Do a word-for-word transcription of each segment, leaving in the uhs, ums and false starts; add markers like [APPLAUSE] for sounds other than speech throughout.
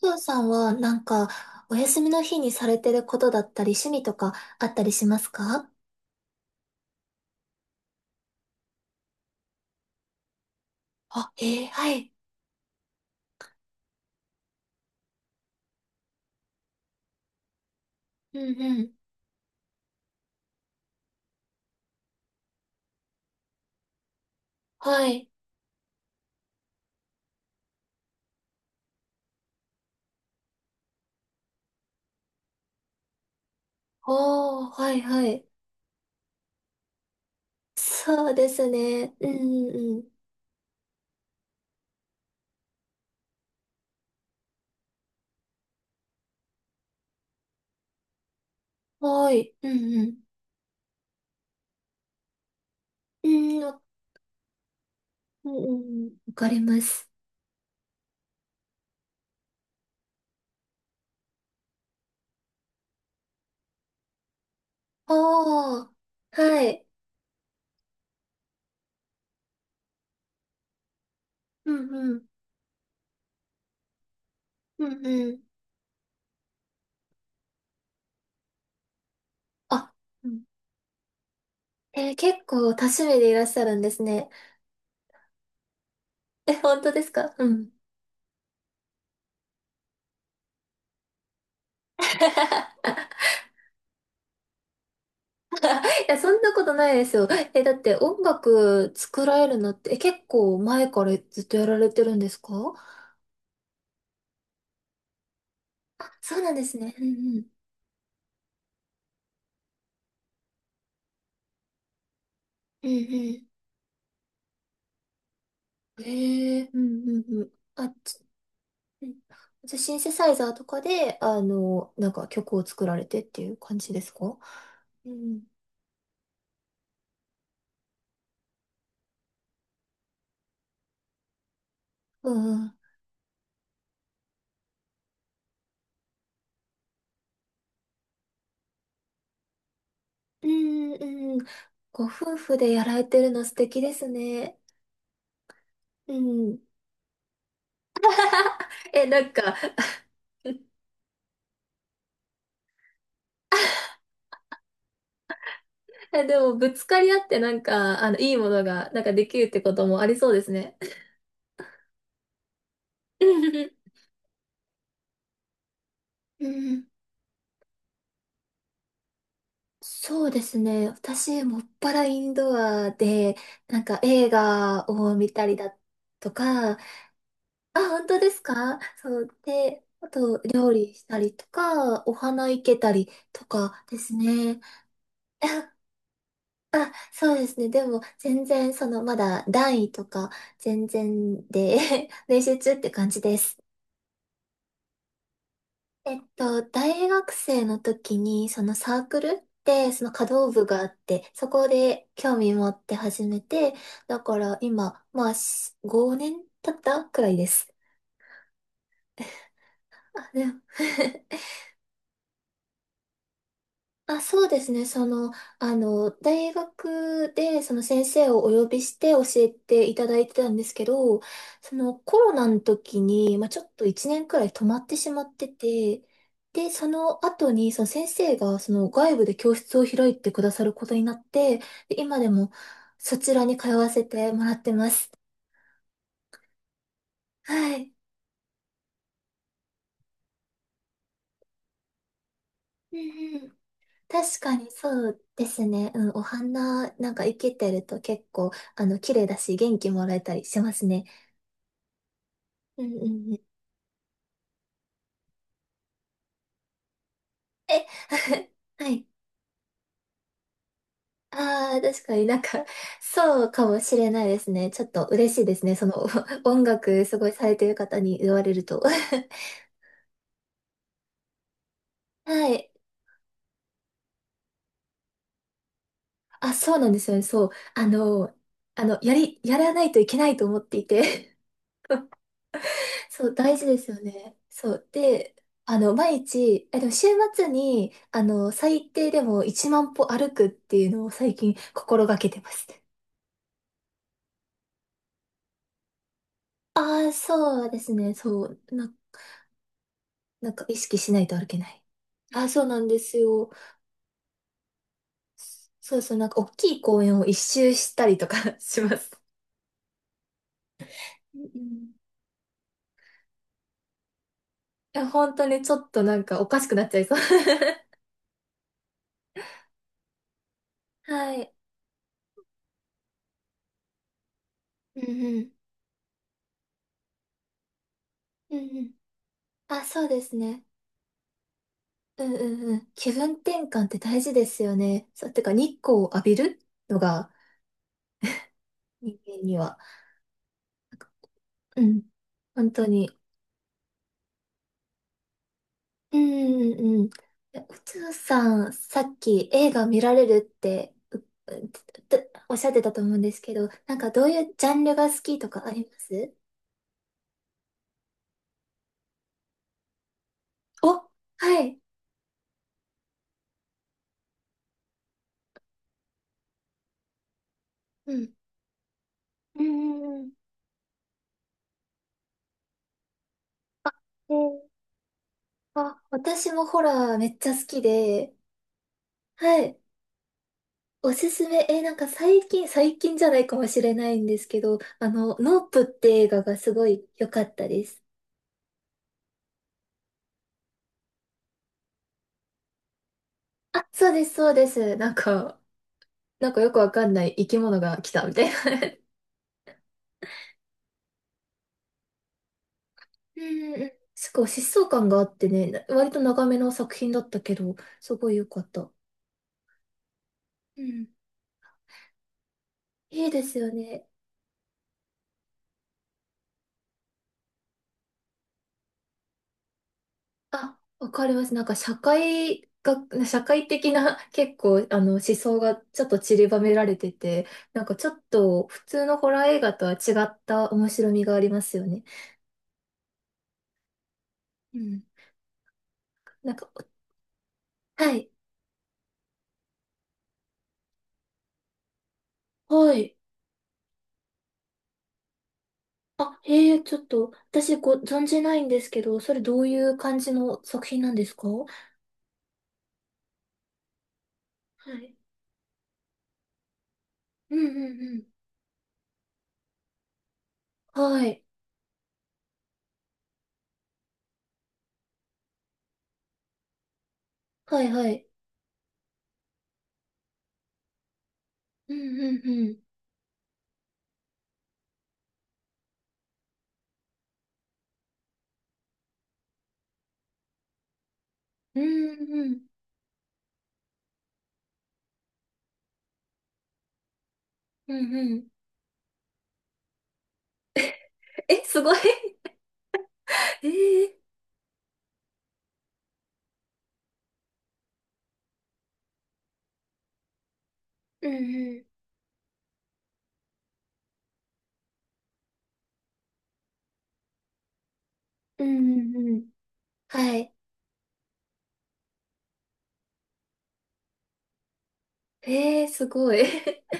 ふうさんはなんかお休みの日にされてることだったり趣味とかあったりしますか？あ、えー、はい。うんうん。はい。おー、はいはい。そうですね。うんうんうん。はい。うんうん。うん、わ、うんうんうん。わかります。おー、はい。うんうん。うんうん。あ、うん、えー、結構多趣味でいらっしゃるんですね。え、本当ですか？うん。[LAUGHS] いや、そんなことないですよ。え、だって音楽作られるのって、え、結構前からずっとやられてるんですか？あ、そうなんですね。うんうん。うんうん。へえ、うんうんうん。あ、つ、うん、じゃあシンセサイザーとかで、あの、なんか曲を作られてっていう感じですか？うん。うん。うんうん。ご夫婦でやられてるの素敵ですね。うん。[LAUGHS] え、なんか、え、でも、ぶつかり合ってなんか、あの、いいものが、なんかできるってこともありそうですね。[LAUGHS] うん、[LAUGHS] そうですね。私、もっぱらインドアで、なんか映画を見たりだとか、あ、本当ですか？そう。で、あと、料理したりとか、お花生けたりとかですね。あ、そうですね。でも、全然、その、まだ段位とか、全然で、[LAUGHS] 練習中って感じです。えっと、大学生の時に、そのサークルってその華道部があって、そこで興味持って始めて、だから今、まあ、し、ごねん経ったくらいです。あ、でも [LAUGHS] あ、そうですね。その、あの、大学で、その先生をお呼びして教えていただいてたんですけど、そのコロナの時に、まあ、ちょっといちねんくらい止まってしまってて、で、その後に、その先生が、その外部で教室を開いてくださることになって、で今でもそちらに通わせてもらってます。はい。うんうん、確かにそうですね。うん、お花なんか生けてると結構、あの、綺麗だし、元気もらえたりしますね。うんうんうん。え、[LAUGHS] はい。ああ、確かになんか、そうかもしれないですね。ちょっと嬉しいですね。その、[LAUGHS] お音楽すごいされてる方に言われると。[LAUGHS] はい。あ、そうなんですよね。そう。あの、あの、やり、やらないといけないと思っていて。[LAUGHS] そう、大事ですよね。そう。で、あの、毎日、え、でも週末に、あの、最低でもいちまん歩歩くっていうのを最近心がけてます。ああ、そうですね。そう。なんか意識しないと歩けない。あ、そうなんですよ。そうそう、なんか大きい公園を一周したりとか [LAUGHS] します。うんうん、いや、本当にちょっとなんかおかしくなっちゃいそう。[LAUGHS] はい。うんうん。うんうん。あ、そうですね。うんうんうん。気分転換って大事ですよね。そう、てか日光を浴びるのが人間には。うん。本当に。うんうんうん。え、宇宙さん、さっき映画見られるって、うう、っておっしゃってたと思うんですけど、なんかどういうジャンルが好きとかあります？お、はい。うん。うんうんうん。えー、あ、私もホラーめっちゃ好きで、はい。おすすめ、えー、なんか最近、最近じゃないかもしれないんですけど、あの、ノープって映画がすごい良かったです。あ、そうです、そうです。なんか、なんかよくわかんない生き物が来たみたい。うんうん。すごい疾走感があってね、な、割と長めの作品だったけど、すごい良かった。うん。いいですよね。あ、わかります。なんか社会が、社会的な [LAUGHS] 結構、あの、思想がちょっと散りばめられてて、なんかちょっと普通のホラー映画とは違った面白みがありますよね。うん。なんか、はい。はい。あ、へえ、ちょっと、私ご存じないんですけど、それどういう感じの作品なんですか？はい。うんうんうん。はい。はいはい。うんうんうん。うんうんうんうん。え、すごい。[LAUGHS] えー、うんうんうんうんうん。はい。えー、すごい。[LAUGHS]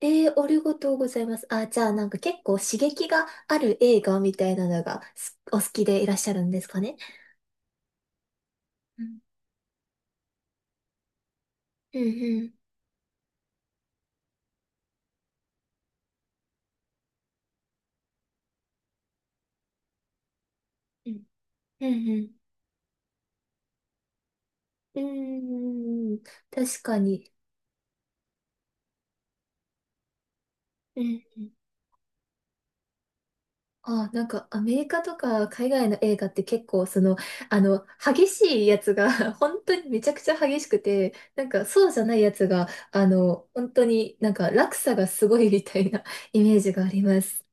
えー、ありがとうございます。あ、じゃあなんか結構刺激がある映画みたいなのがす、お好きでいらっしゃるんですかね。うんうんうんうんうんうんうんうんうん、確かに。あ、なんかアメリカとか海外の映画って結構その、あの、激しいやつが [LAUGHS] 本当にめちゃくちゃ激しくて、なんかそうじゃないやつが、あの、本当になんか落差がすごいみたいな [LAUGHS] イメージがあります。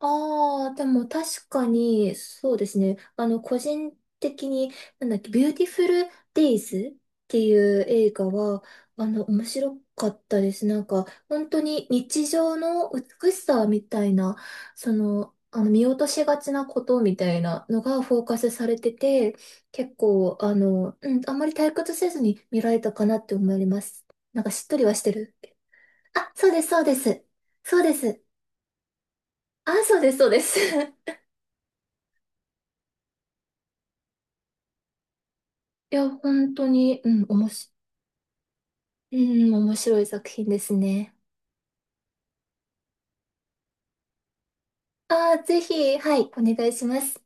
ああ、でも確かに、そうですね。あの、個人的に、なんだっけ、ビューティフルデイズっていう映画は、あの、面白かったです。なんか、本当に日常の美しさみたいな、その、あの、見落としがちなことみたいなのがフォーカスされてて、結構、あの、うん、あんまり退屈せずに見られたかなって思います。なんかしっとりはしてる。あ、そうです、そうです。そうです。あ、そうです、そうです。[LAUGHS] いや、本当に、うん、おもし、うん、面白い作品ですね。ああ、ぜひ、はい、お願いします。